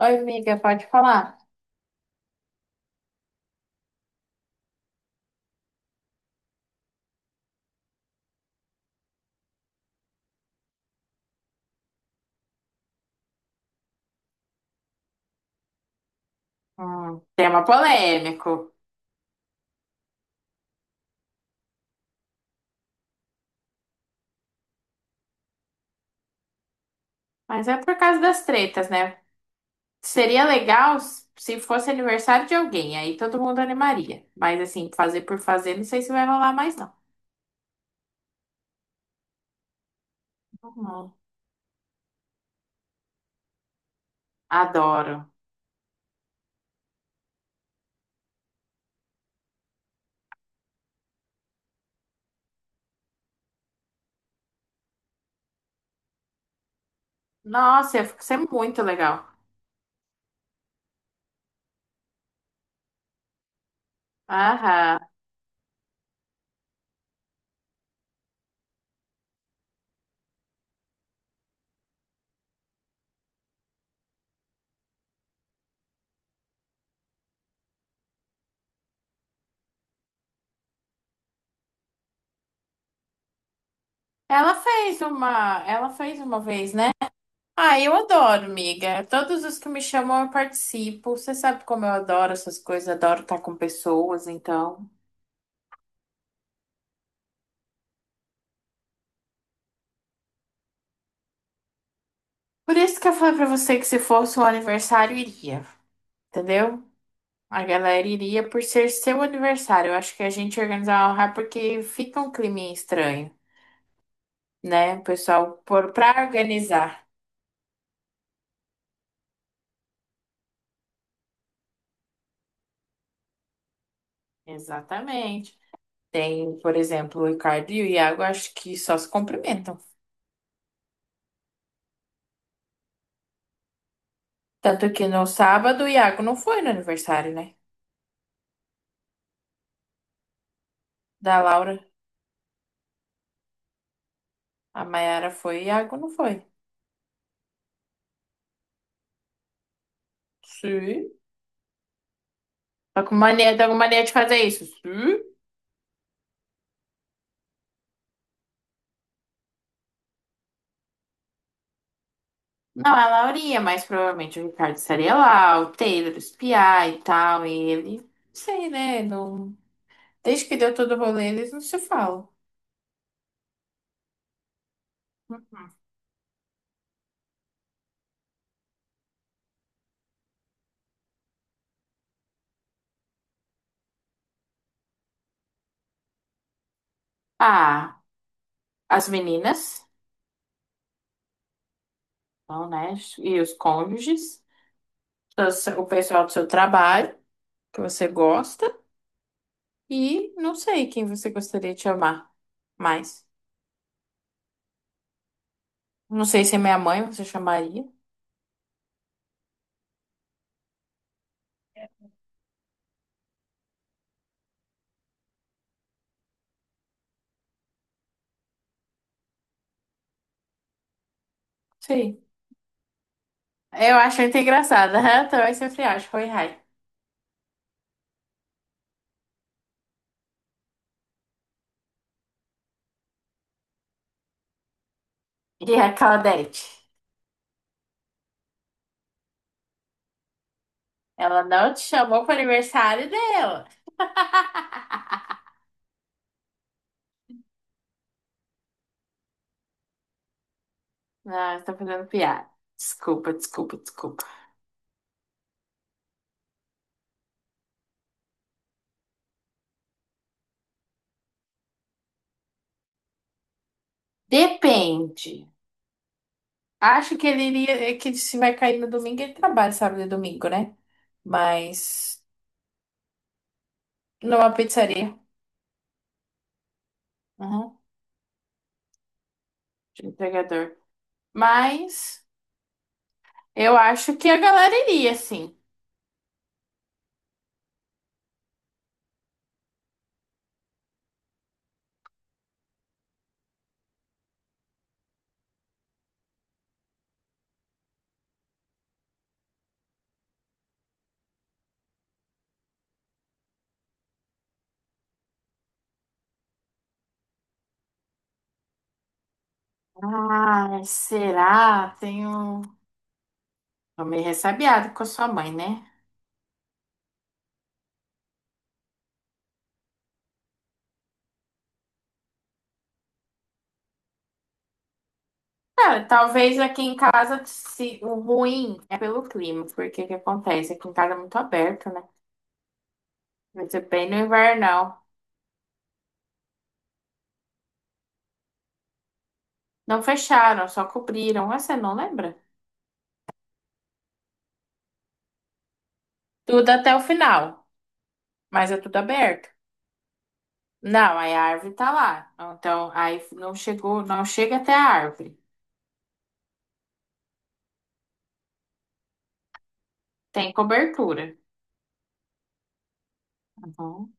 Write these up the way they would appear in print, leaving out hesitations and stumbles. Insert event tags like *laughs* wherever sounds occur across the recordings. Oi, amiga, pode falar? Tema polêmico, mas é por causa das tretas, né? Seria legal se fosse aniversário de alguém, aí todo mundo animaria. Mas assim, fazer por fazer, não sei se vai rolar mais, não. Uhum. Adoro. Nossa, ia ser muito legal. Aham. Ela fez uma vez, né? Ah, eu adoro, amiga. Todos os que me chamam eu participo. Você sabe como eu adoro essas coisas, adoro estar com pessoas, então. Por isso que eu falei pra você que se fosse um aniversário, iria. Entendeu? A galera iria por ser seu aniversário. Eu acho que a gente organizar um rap porque fica um clima estranho, né? O pessoal, pra organizar. Exatamente. Tem, por exemplo, o Ricardo e o Iago, acho que só se cumprimentam. Tanto que no sábado o Iago não foi no aniversário, né? Da Laura. A Maiara foi e o Iago não foi. Sim. Tá com mania de fazer isso. Sim. Não, é a iria, mas provavelmente o Ricardo estaria lá, o Taylor, os Piá e tal, e ele. Não sei, né? Não. Desde que deu todo o rolê, eles não se falam. Ah, as meninas, não, né? E os cônjuges, o pessoal do seu trabalho, que você gosta, e não sei quem você gostaria de chamar mais. Não sei se é minha mãe, você chamaria? Sei. Eu acho muito engraçada. *laughs* Eu também sempre acho. Oi, hi. E a Claudete. Ela não te chamou para o aniversário dela. *laughs* Não, estou fazendo piada. Desculpa, desculpa, desculpa. Depende. Acho que ele iria, é que se vai cair no domingo, ele trabalha sábado e domingo, né? Mas numa pizzaria, uhum, de entregador. Mas eu acho que a galera iria, sim. Ah, será? Tenho. Tô meio ressabiado com a sua mãe, né? É, talvez aqui em casa se, o ruim é pelo clima, porque o que acontece? Aqui em casa é muito aberto, né? Vai ser bem no invernal. Não fecharam, só cobriram. Ah, você não lembra? Tudo até o final, mas é tudo aberto. Não, aí a árvore tá lá. Então, aí não chega até a árvore. Tem cobertura. Uhum.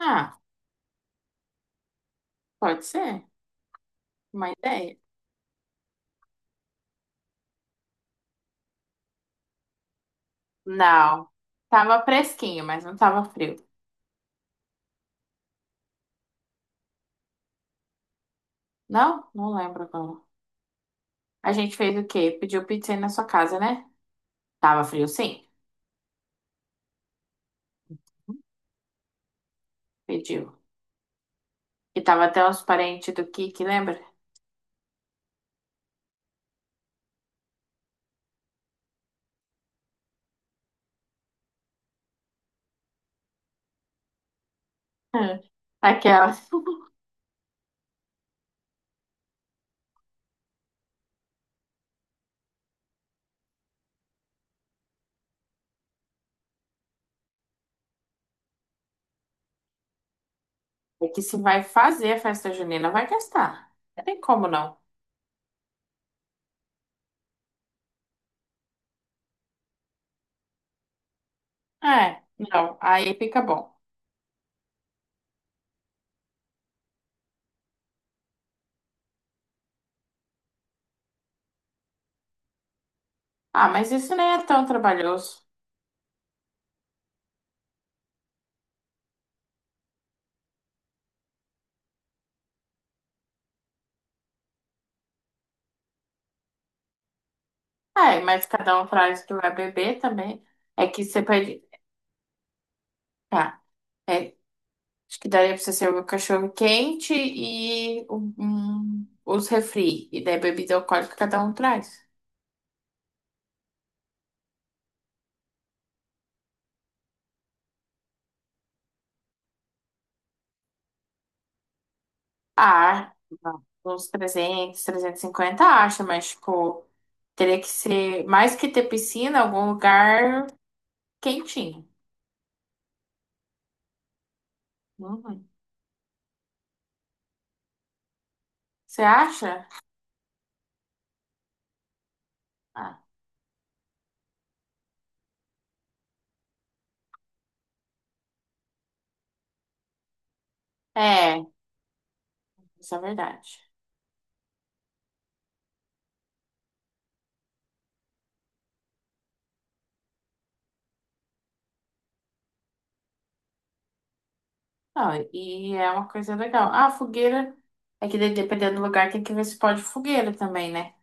Ah, pode ser. Uma ideia. Não. Tava fresquinho, mas não tava frio. Não? Não lembro agora. A gente fez o quê? Pediu pizza aí na sua casa, né? Tava frio, sim. Pediu. E tava até os parentes do Kiki, lembra? *laughs* Hum. Aquela. É que se vai fazer a festa junina, vai gastar. Não tem como não. É, não. Aí fica bom. Ah, mas isso nem é tão trabalhoso. É, mas cada um traz o que vai beber também. É que você pede. Tá. É, acho que daria pra você servir o cachorro quente e os refri. E daí bebida alcoólica cada um traz. Ah, uns 300, 350 acha, mas, tipo, teria que ser mais que ter piscina, algum lugar quentinho. Uhum. Você acha? Ah, é, isso é verdade. Não, e é uma coisa legal. Ah, fogueira. É que dependendo do lugar tem que ver se pode fogueira também, né?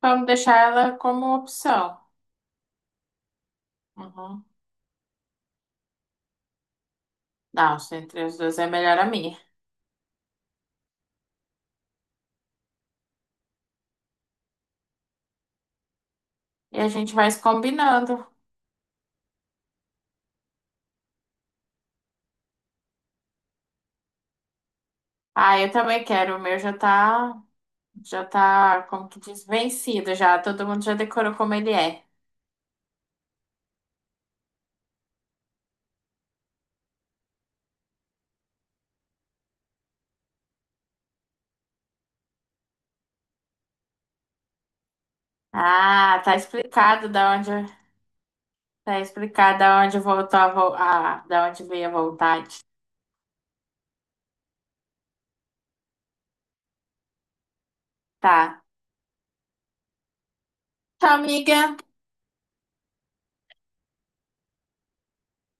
Vamos deixar ela como opção. Uhum. Não, se entre os dois é melhor a minha. E a gente vai se combinando. Ah, eu também quero. O meu já tá. Já tá, como que diz, vencido já. Todo mundo já decorou como ele é. Ah, tá explicado da onde voltou a, vo- a da onde veio a vontade. Tá. Tchau, amiga.